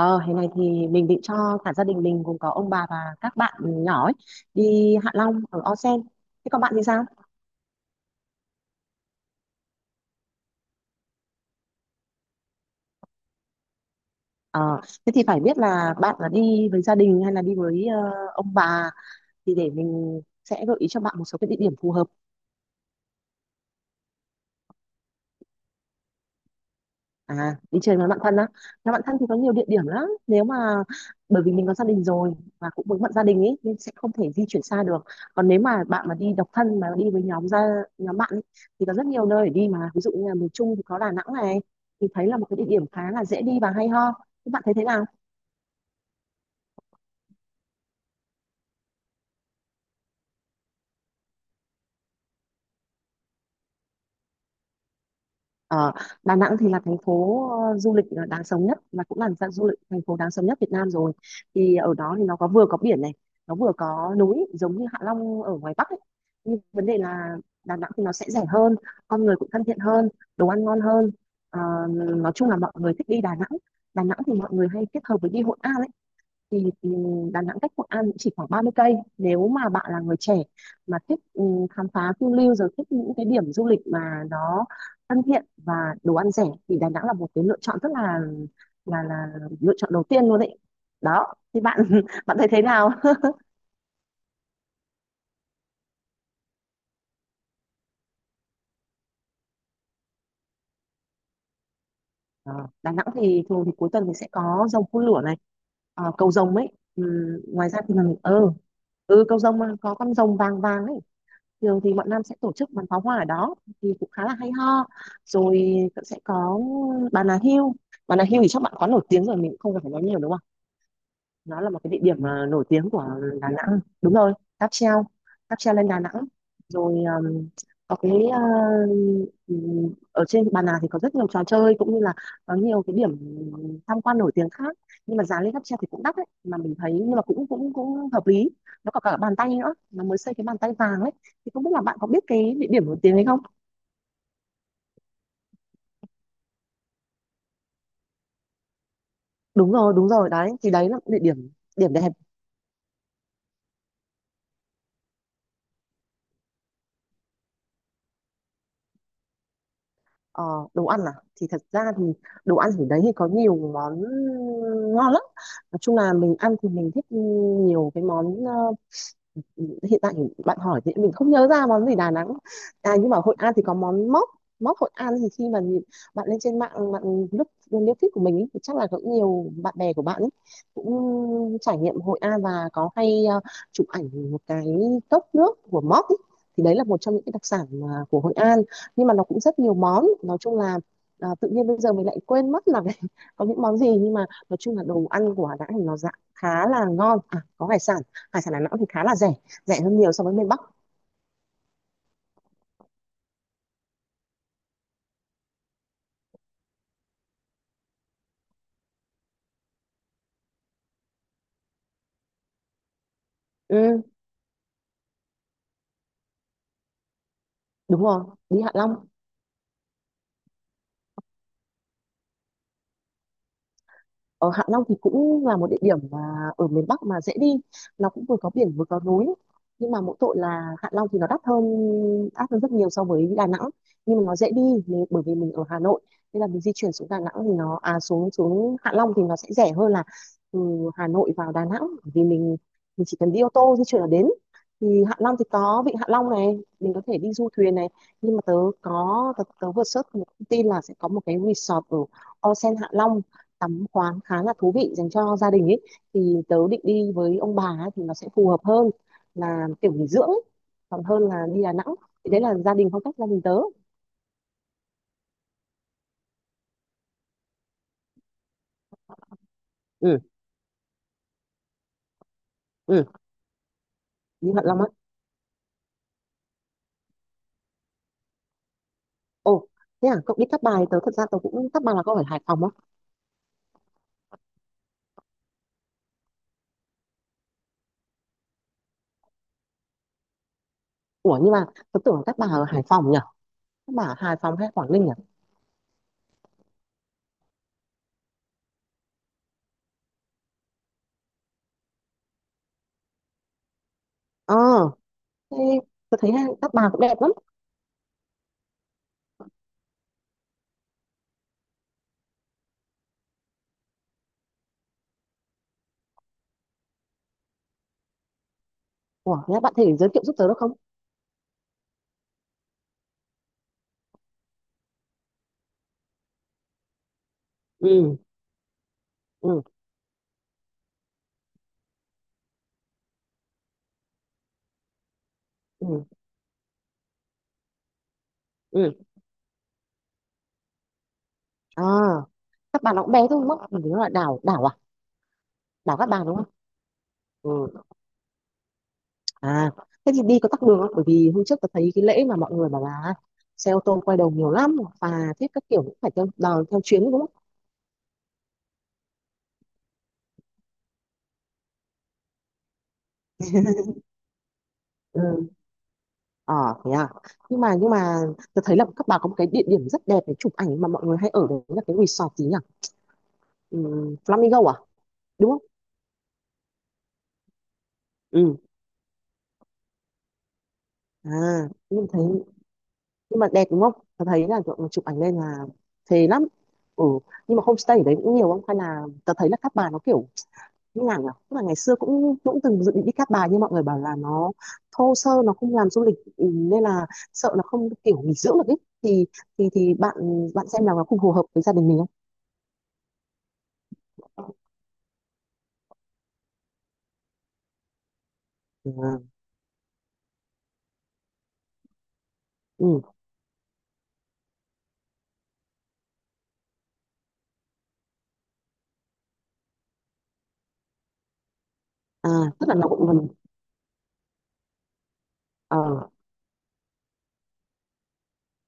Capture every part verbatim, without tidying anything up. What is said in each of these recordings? Ờ, hè này thì mình định cho cả gia đình mình gồm có ông bà và các bạn nhỏ ấy, đi Hạ Long ở O Sen. Thế còn bạn thì sao? Ờ, thế thì phải biết là bạn là đi với gia đình hay là đi với ờ, ông bà thì để mình sẽ gợi ý cho bạn một số cái địa điểm phù hợp. À, đi chơi với bạn thân á. Nhà bạn thân thì có nhiều địa điểm lắm. Nếu mà bởi vì mình có gia đình rồi và cũng vướng bận gia đình ấy nên sẽ không thể di chuyển xa được. Còn nếu mà bạn mà đi độc thân mà đi với nhóm gia nhóm bạn ấy, thì có rất nhiều nơi để đi mà. Ví dụ như là miền Trung thì có Đà Nẵng này thì thấy là một cái địa điểm khá là dễ đi và hay ho. Các bạn thấy thế nào? Ờ, Đà Nẵng thì là thành phố ờ, du lịch ờ, đáng sống nhất và cũng là dạng du lịch thành phố đáng sống nhất Việt Nam rồi. Thì ở đó thì nó có vừa có biển này, nó vừa có núi giống như Hạ Long ở ngoài Bắc ấy. Nhưng vấn đề là Đà Nẵng thì nó sẽ rẻ hơn, con người cũng thân thiện hơn, đồ ăn ngon hơn. Ờ, nói chung là mọi người thích đi Đà Nẵng. Đà Nẵng thì mọi người hay kết hợp với đi Hội An ấy thì ừ, Đà Nẵng cách Hội An cũng chỉ khoảng ba mươi cây nếu mà bạn là người trẻ mà thích ừ, khám phá phiêu lưu rồi thích những cái điểm du lịch mà nó thân thiện và đồ ăn rẻ thì Đà Nẵng là một cái lựa chọn rất là là là lựa chọn đầu tiên luôn đấy đó thì bạn bạn thấy thế nào. Ờ, Đà Nẵng thì thường thì cuối tuần thì sẽ có rồng phun lửa này, ờ, cầu rồng ấy. Ừ, ngoài ra thì mình ừ, ừ cầu rồng mà có con rồng vàng vàng ấy, thường thì bọn Nam sẽ tổ chức bắn pháo hoa ở đó thì cũng khá là hay ho. Rồi cũng sẽ có Bà Nà Hills. Bà Nà Hills thì chắc bạn có nổi tiếng rồi mình cũng không cần phải nói nhiều đúng không, nó là một cái địa điểm mà nổi tiếng của Đà Nẵng. Đúng rồi, cáp treo, cáp treo lên Đà Nẵng rồi. Um, có cái ờ, ở trên Bà Nà thì có rất nhiều trò chơi cũng như là có nhiều cái điểm tham quan nổi tiếng khác, nhưng mà giá lên cáp treo thì cũng đắt đấy mà mình thấy nhưng mà cũng cũng cũng hợp lý. Nó có cả bàn tay nữa, nó mới xây cái bàn tay vàng ấy thì không biết là bạn có biết cái địa điểm nổi tiếng đấy không. Đúng rồi đúng rồi đấy, thì đấy là địa điểm điểm đẹp. Ờ, đồ ăn à, thì thật ra thì đồ ăn ở đấy thì có nhiều món ngon lắm, nói chung là mình ăn thì mình thích nhiều cái món. ờ, Hiện tại bạn hỏi thì mình không nhớ ra món gì Đà Nẵng, à nhưng mà Hội An thì có món móc. Móc Hội An thì khi mà nhìn- Bạn lên trên mạng bạn lúc nếu thích của mình ý, thì chắc là cũng nhiều bạn bè của bạn ấy cũng trải nghiệm Hội An và có hay ờ, chụp ảnh một cái cốc nước của móc ý. Thì đấy là một trong những cái đặc sản mà của Hội An, nhưng mà nó cũng rất nhiều món nói chung là, à, tự nhiên bây giờ mình lại quên mất là có những món gì, nhưng mà nói chung là đồ ăn của Đà Nẵng thì nó dạng khá là ngon. À, có hải sản, hải sản Đà Nẵng thì khá là rẻ, rẻ hơn nhiều so với miền Bắc. Ừm, đúng rồi, đi Hạ Long. Ở Hạ Long thì cũng là một địa điểm mà ở miền Bắc mà dễ đi, nó cũng vừa có biển vừa có núi, nhưng mà mỗi tội là Hạ Long thì nó đắt hơn, đắt hơn rất nhiều so với Đà Nẵng, nhưng mà nó dễ đi. Nếu bởi vì mình ở Hà Nội nên là mình di chuyển xuống Đà Nẵng thì nó, à xuống xuống Hạ Long thì nó sẽ rẻ hơn là từ Hà Nội vào Đà Nẵng, bởi vì mình mình chỉ cần đi ô tô di chuyển là đến. Thì Hạ Long thì có vịnh Hạ Long này, mình có thể đi du thuyền này, nhưng mà tớ có tớ, tớ vừa search một thông tin là sẽ có một cái resort ở Ocean Hạ Long, tắm khoáng khá là thú vị dành cho gia đình ấy, thì tớ định đi với ông bà ấy, thì nó sẽ phù hợp hơn, là kiểu nghỉ dưỡng ấy, còn hơn là đi Đà Nẵng. Thì đấy là gia đình phong cách gia đình tớ. Ừ, ừ, đi Hạ Long á. Ồ, thế à, cậu đi Cát Bài. Tớ thật ra tớ cũng Cát Bài là có ở Hải Phòng á. Ủa nhưng mà tớ tưởng là Cát Bà ở Hải Phòng nhỉ, Cát Bà ở Hải Phòng hay Quảng Ninh nhỉ. Ờ, thế tớ thấy hai- Cát Bà cũng đẹp lắm. Ủa thế bạn thể giới thiệu giúp tớ được không. ừ ừ ừ ừ À, Cát Bà nó cũng bé thôi mất, nó là đảo, đảo à, đảo Cát Bà đúng không. Ừ. À, thế thì đi có tắc đường không? Bởi vì hôm trước tôi thấy cái lễ mà mọi người bảo là xe ô tô quay đầu nhiều lắm, phà thiết các kiểu cũng phải theo đò, theo chuyến đúng không? Ừ. Ờ, thế à. Nhưng mà nhưng mà tôi thấy là các bà có một cái địa điểm rất đẹp để chụp ảnh mà mọi người hay ở đấy là cái resort gì nhỉ? Ừ, Flamingo à? Đúng không? Ừ. À, nhưng thấy, nhưng mà đẹp đúng không? Tôi thấy là mọi người chụp ảnh lên là thế lắm. Ừ, nhưng mà homestay ở đấy cũng nhiều không? Hay là tôi thấy là các bà nó kiểu như nào nhỉ? Tức là ngày xưa cũng cũng từng dự định đi Cát Bà nhưng mọi người bảo là nó thô sơ, nó không làm du lịch, ừ, nên là sợ nó không kiểu nghỉ dưỡng được ấy. Thì thì thì bạn bạn xem là nó không phù hợp với gia đình mình không? Ừ, ừ. À, tức là nó cũng gần. ờ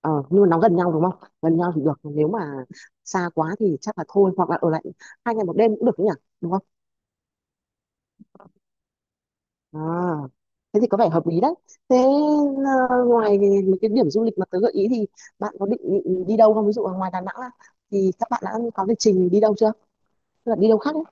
ờ, nhưng mà nó gần nhau đúng không? Gần nhau thì được, nếu mà xa quá thì chắc là thôi, hoặc là ở lại hai ngày một đêm cũng được nhỉ? Đúng không? À, thế thì có vẻ hợp lý đấy. Thế ờ, ngoài mấy cái điểm du lịch mà tớ gợi ý thì bạn có định định đi đâu không? Ví dụ là ngoài Đà Nẵng ra thì các bạn đã có lịch trình đi đâu chưa? Tức là đi đâu khác ấy?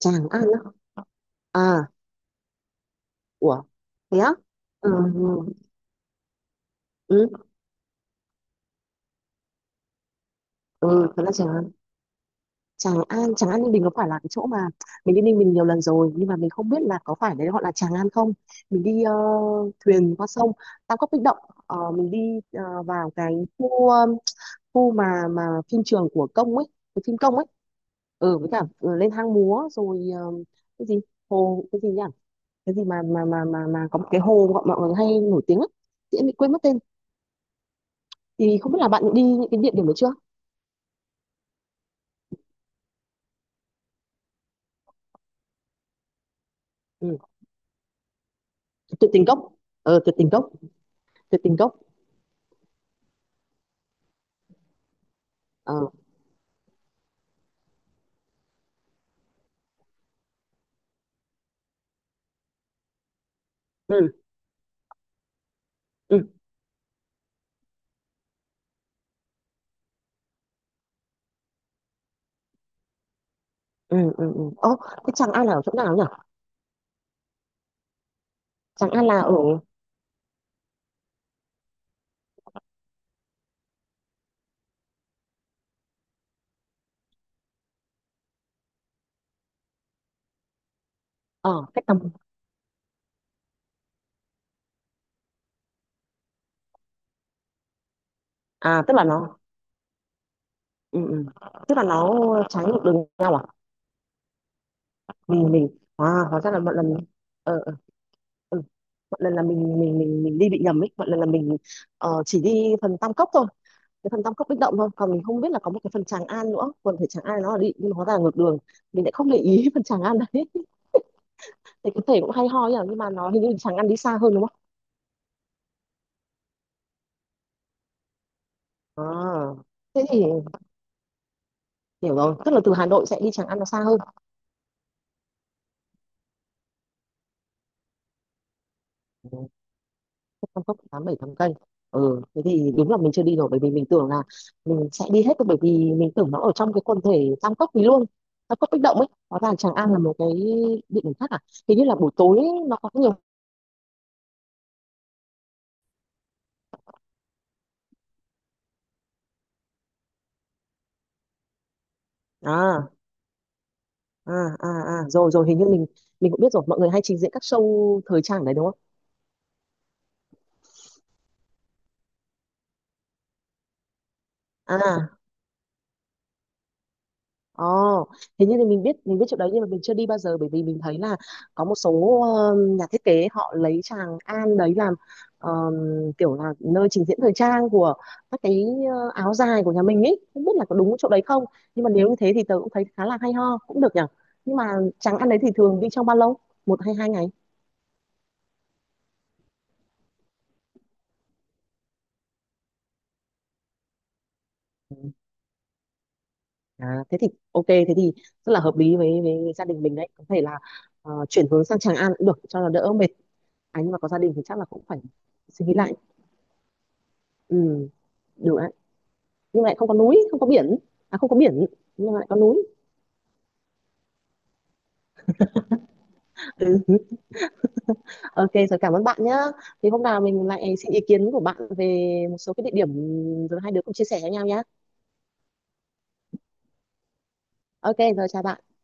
Tràng An á. À, ủa, thế á? Ừ, ừ, ừ, thật ra Tràng An. Tràng An, Tràng An Ninh Bình có phải là cái chỗ mà mình đi Ninh Bình nhiều lần rồi nhưng mà mình không biết là có phải đấy gọi là Tràng An không. Mình đi ờ, thuyền qua sông Tam Cốc Bích Động. Ờ, mình đi ờ, vào cái khu khu mà mà phim trường của công ấy, cái phim công ấy, ừ với cả ờ, lên hang múa rồi, ờ, cái gì hồ cái gì nhỉ, cái gì mà mà mà mà mà có một cái hồ mọi mọi người hay nổi tiếng ấy, chị em bị quên mất tên, thì không biết là bạn đi những cái địa điểm đấy chưa. Ừ, tuyệt tình cốc ờ tuyệt tình cốc, tuyệt tình cốc. Ờ, ừ ừ ừ ừ ừ. Ồ, cái Tràng An là ở chỗ nào nhỉ, Tràng An là ở, ở cách tầm, à tức là nó, ừ, ừ, tức là nó trái ngược đường nhau à. Mình mình à Hóa ra là một lần. ờ ờ, ừ. Mọi lần là mình mình mình mình đi bị nhầm ấy, mọi lần là mình ờ, chỉ đi phần Tam Cốc thôi, cái phần Tam Cốc Bích Động thôi, còn mình không biết là có một cái phần Tràng An nữa, quần thể Tràng An nó là đi nhưng mà hóa ra là ngược đường, mình lại không để ý phần Tràng An đấy, thì có thể cũng hay ho nhỉ, nhưng mà nó hình như Tràng An đi xa hơn đúng không? À, thế thì hiểu rồi, tức là từ Hà Nội sẽ đi Tràng An nó xa hơn. Tam Cốc tám bảy tháng cây, ừ thế thì đúng là mình chưa đi rồi, bởi vì mình tưởng là mình sẽ đi hết thôi, bởi vì mình tưởng nó ở trong cái quần thể Tam Cốc thì luôn, Tam Cốc Bích Động ấy, hóa ra Tràng An là một cái địa điểm khác à. Hình như là buổi tối nó có nhiều, à à à à rồi rồi hình như mình mình cũng biết rồi, mọi người hay trình diễn các show thời trang ở đấy đúng không. À, ồ, thế nhưng thì mình biết mình biết chỗ đấy nhưng mà mình chưa đi bao giờ, bởi vì mình thấy là có một số ờ, nhà thiết kế họ lấy Tràng An đấy làm ờ, kiểu là nơi trình diễn thời trang của các cái ờ, áo dài của nhà mình ấy, không biết là có đúng chỗ đấy không. Nhưng mà nếu như thế thì tớ cũng thấy khá là hay ho cũng được nhở. Nhưng mà Tràng An đấy thì thường đi trong bao lâu, một hay hai ngày. Ừ. À thế thì ok, thế thì rất là hợp lý với với gia đình mình đấy, có thể là ờ, chuyển hướng sang Tràng An cũng được cho nó đỡ mệt. À nhưng mà có gia đình thì chắc là cũng phải suy nghĩ lại. Ừ, đúng ạ. Nhưng mà lại không có núi, không có biển. À không có biển, nhưng mà lại có núi. Ừ. Ok, rồi cảm ơn bạn nhá. Thì hôm nào mình lại xin ý kiến của bạn về một số cái địa điểm, rồi hai đứa cùng chia sẻ với nhau nhá. Ok, rồi chào bạn.